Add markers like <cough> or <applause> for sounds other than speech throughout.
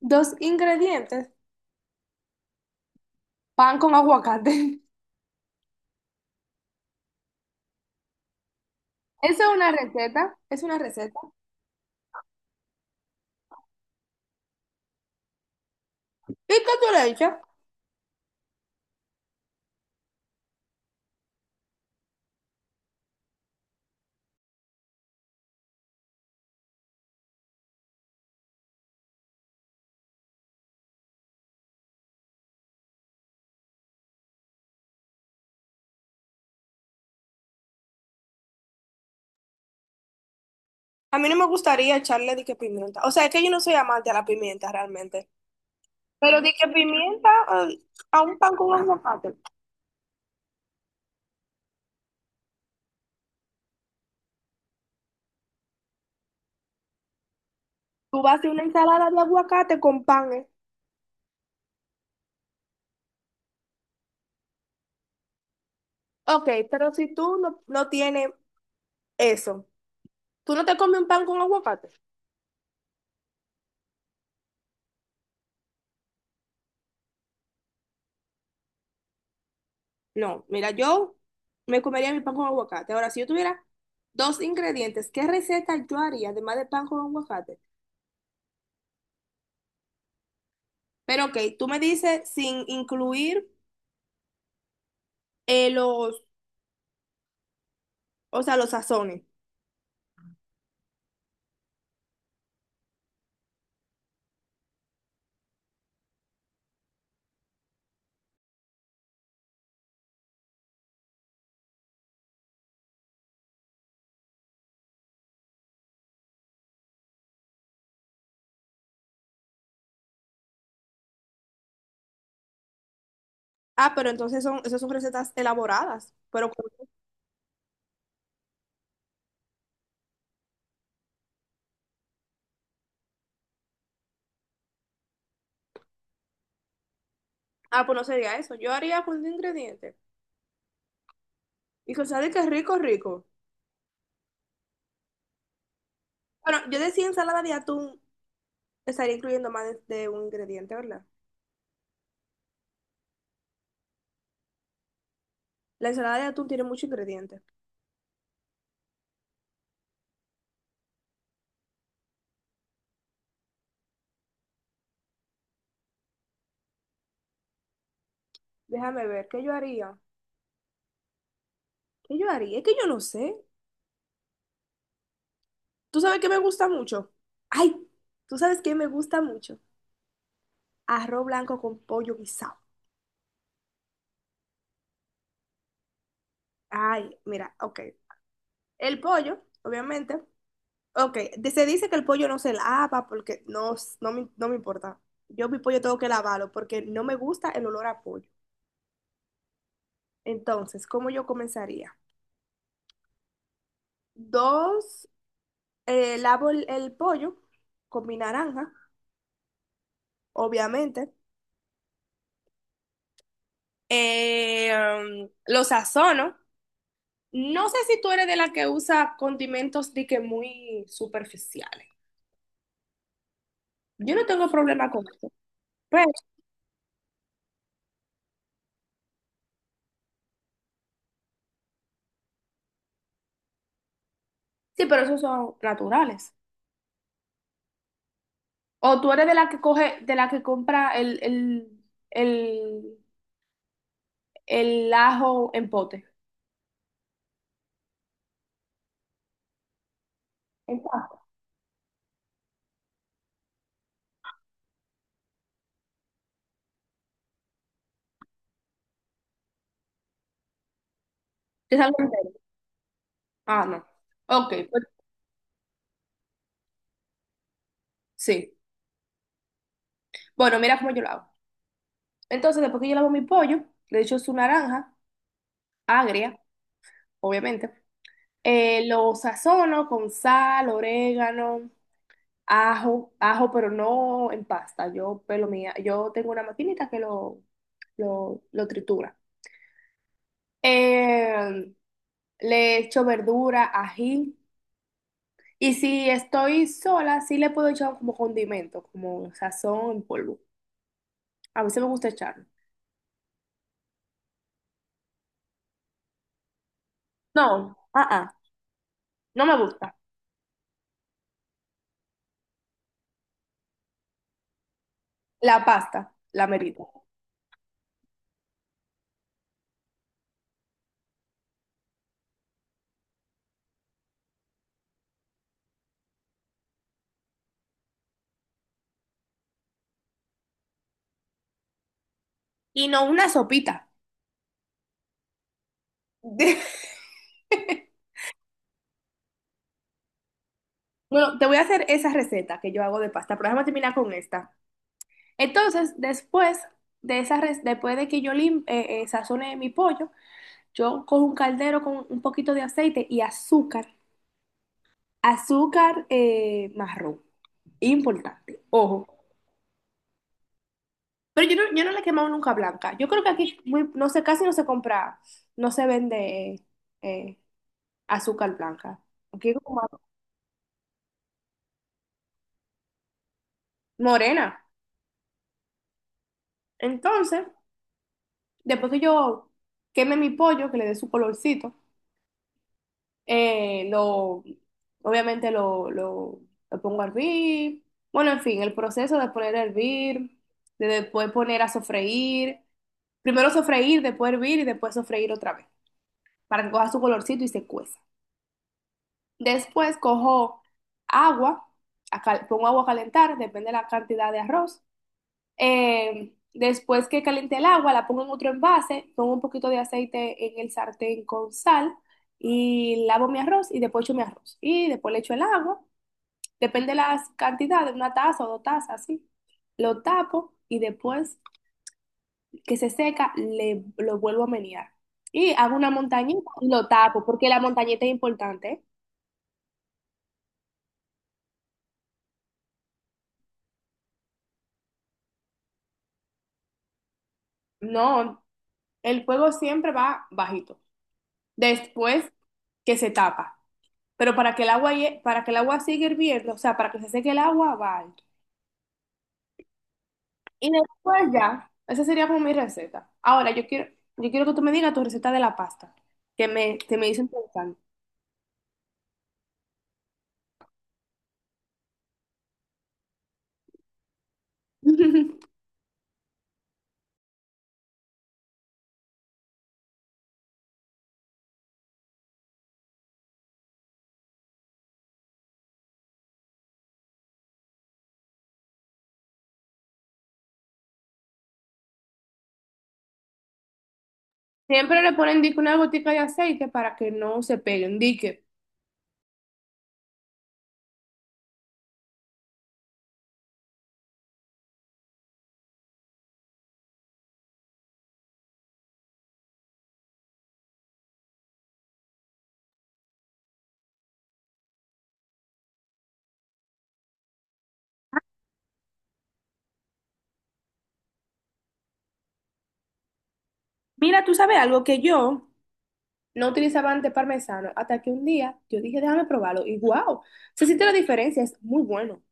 Dos ingredientes. Pan con aguacate. <laughs> Esa es una receta. Es una receta. ¿Y qué tú le echas? A mí no me gustaría echarle de que pimienta. O sea, es que yo no soy amante a la pimienta realmente. Pero de que pimienta eh, a un pan con aguacate. Tú vas a hacer una ensalada de aguacate con pan, ¿eh? Ok, pero si tú no tienes eso, ¿tú no te comes un pan con aguacate? No, mira, yo me comería mi pan con aguacate. Ahora, si yo tuviera dos ingredientes, ¿qué receta yo haría además de pan con aguacate? Pero ok, tú me dices sin incluir eh, los, o sea, los sazones. Ah, pero entonces esas son recetas elaboradas. Pero, ah, pues no sería eso. Yo haría con un ingrediente. Y que sabe que es rico, rico. Bueno, yo decía ensalada de atún, estaría incluyendo más de un ingrediente, ¿verdad? La ensalada de atún tiene muchos ingredientes. Déjame ver, ¿qué yo haría? ¿Qué yo haría? Es que yo no sé. ¿Tú sabes qué me gusta mucho? Ay, ¿tú sabes qué me gusta mucho? Arroz blanco con pollo guisado. Ay, mira, ok. El pollo, obviamente. Ok, se dice que el pollo no se lava porque no, no me importa. Yo mi pollo tengo que lavarlo porque no me gusta el olor a pollo. Entonces, ¿cómo yo comenzaría? Dos, lavo el pollo con mi naranja, obviamente. Lo sazono. No sé si tú eres de la que usa condimentos de que muy superficiales. Yo no tengo problema con eso. Pero, sí, pero esos son naturales. O tú eres de la que compra el, el ajo en pote. Exacto. ¿Te sale entero? Ah, no. Ok, pues sí. Bueno, mira cómo yo lo hago. Entonces, después que yo lavo mi pollo, le echo su naranja, agria, obviamente. Lo sazono con sal, orégano, ajo, ajo, pero no en pasta. Yo tengo una maquinita que lo tritura. Eh, Le echo verdura, ají. Y si estoy sola, sí le puedo echar como condimento, como sazón en polvo. A veces me gusta echarlo. No, ah, ah, no me gusta. La pasta, la merito. Y no una sopita. <laughs> Bueno, te voy a hacer esa receta que yo hago de pasta, pero déjame terminar con esta. Entonces, después de que yo lim sazone mi pollo, yo cojo un caldero con un poquito de aceite y azúcar. Azúcar, marrón, importante, ojo. Pero yo no le he quemado nunca blanca. Yo creo que aquí no sé, casi no se compra, no se vende eh, azúcar blanca. Aquí es como morena. Entonces, después que yo queme mi pollo, que le dé su colorcito, Eh, lo, obviamente lo pongo a hervir. Bueno, en fin, el proceso de poner a hervir, de después poner a sofreír. Primero sofreír, después hervir y después sofreír otra vez para que coja su colorcito y se cueza. Después cojo agua, pongo agua a calentar, depende de la cantidad de arroz. Después que caliente el agua, la pongo en otro envase, pongo un poquito de aceite en el sartén con sal y lavo mi arroz y después echo mi arroz. Y después le echo el agua, depende de las cantidades, una taza o dos tazas, así. Lo tapo y después que se seca, lo vuelvo a menear. Y hago una montañita y lo tapo, porque la montañita es importante. ¿Eh? No, el fuego siempre va bajito. Después que se tapa. Pero para que el agua, para que el agua siga hirviendo, o sea, para que se seque el agua, va alto. Y después ya, esa sería como mi receta. Ahora, yo quiero que tú me digas tu receta de la pasta, que me dicen pensando. <laughs> Siempre le ponen dique una gotica de aceite para que no se peguen. Dique, mira, tú sabes algo que yo no utilizaba antes parmesano, hasta que un día yo dije, déjame probarlo. Y wow, se siente la diferencia, es muy bueno.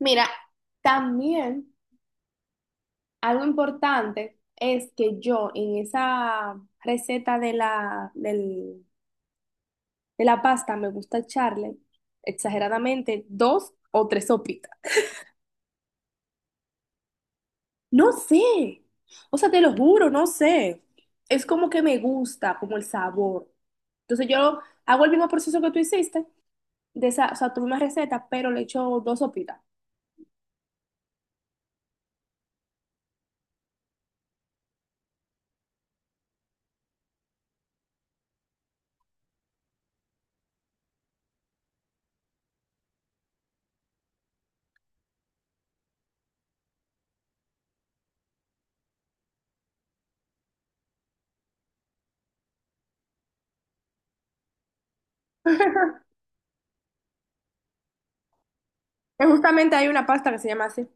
Mira, también. Algo importante es que yo en esa receta de la, de la pasta me gusta echarle exageradamente dos o tres sopitas. No sé, o sea, te lo juro, no sé. Es como que me gusta, como el sabor. Entonces yo hago el mismo proceso que tú hiciste, o sea, tu misma receta, pero le echo dos sopitas. <laughs> Que justamente hay una pasta que se llama así.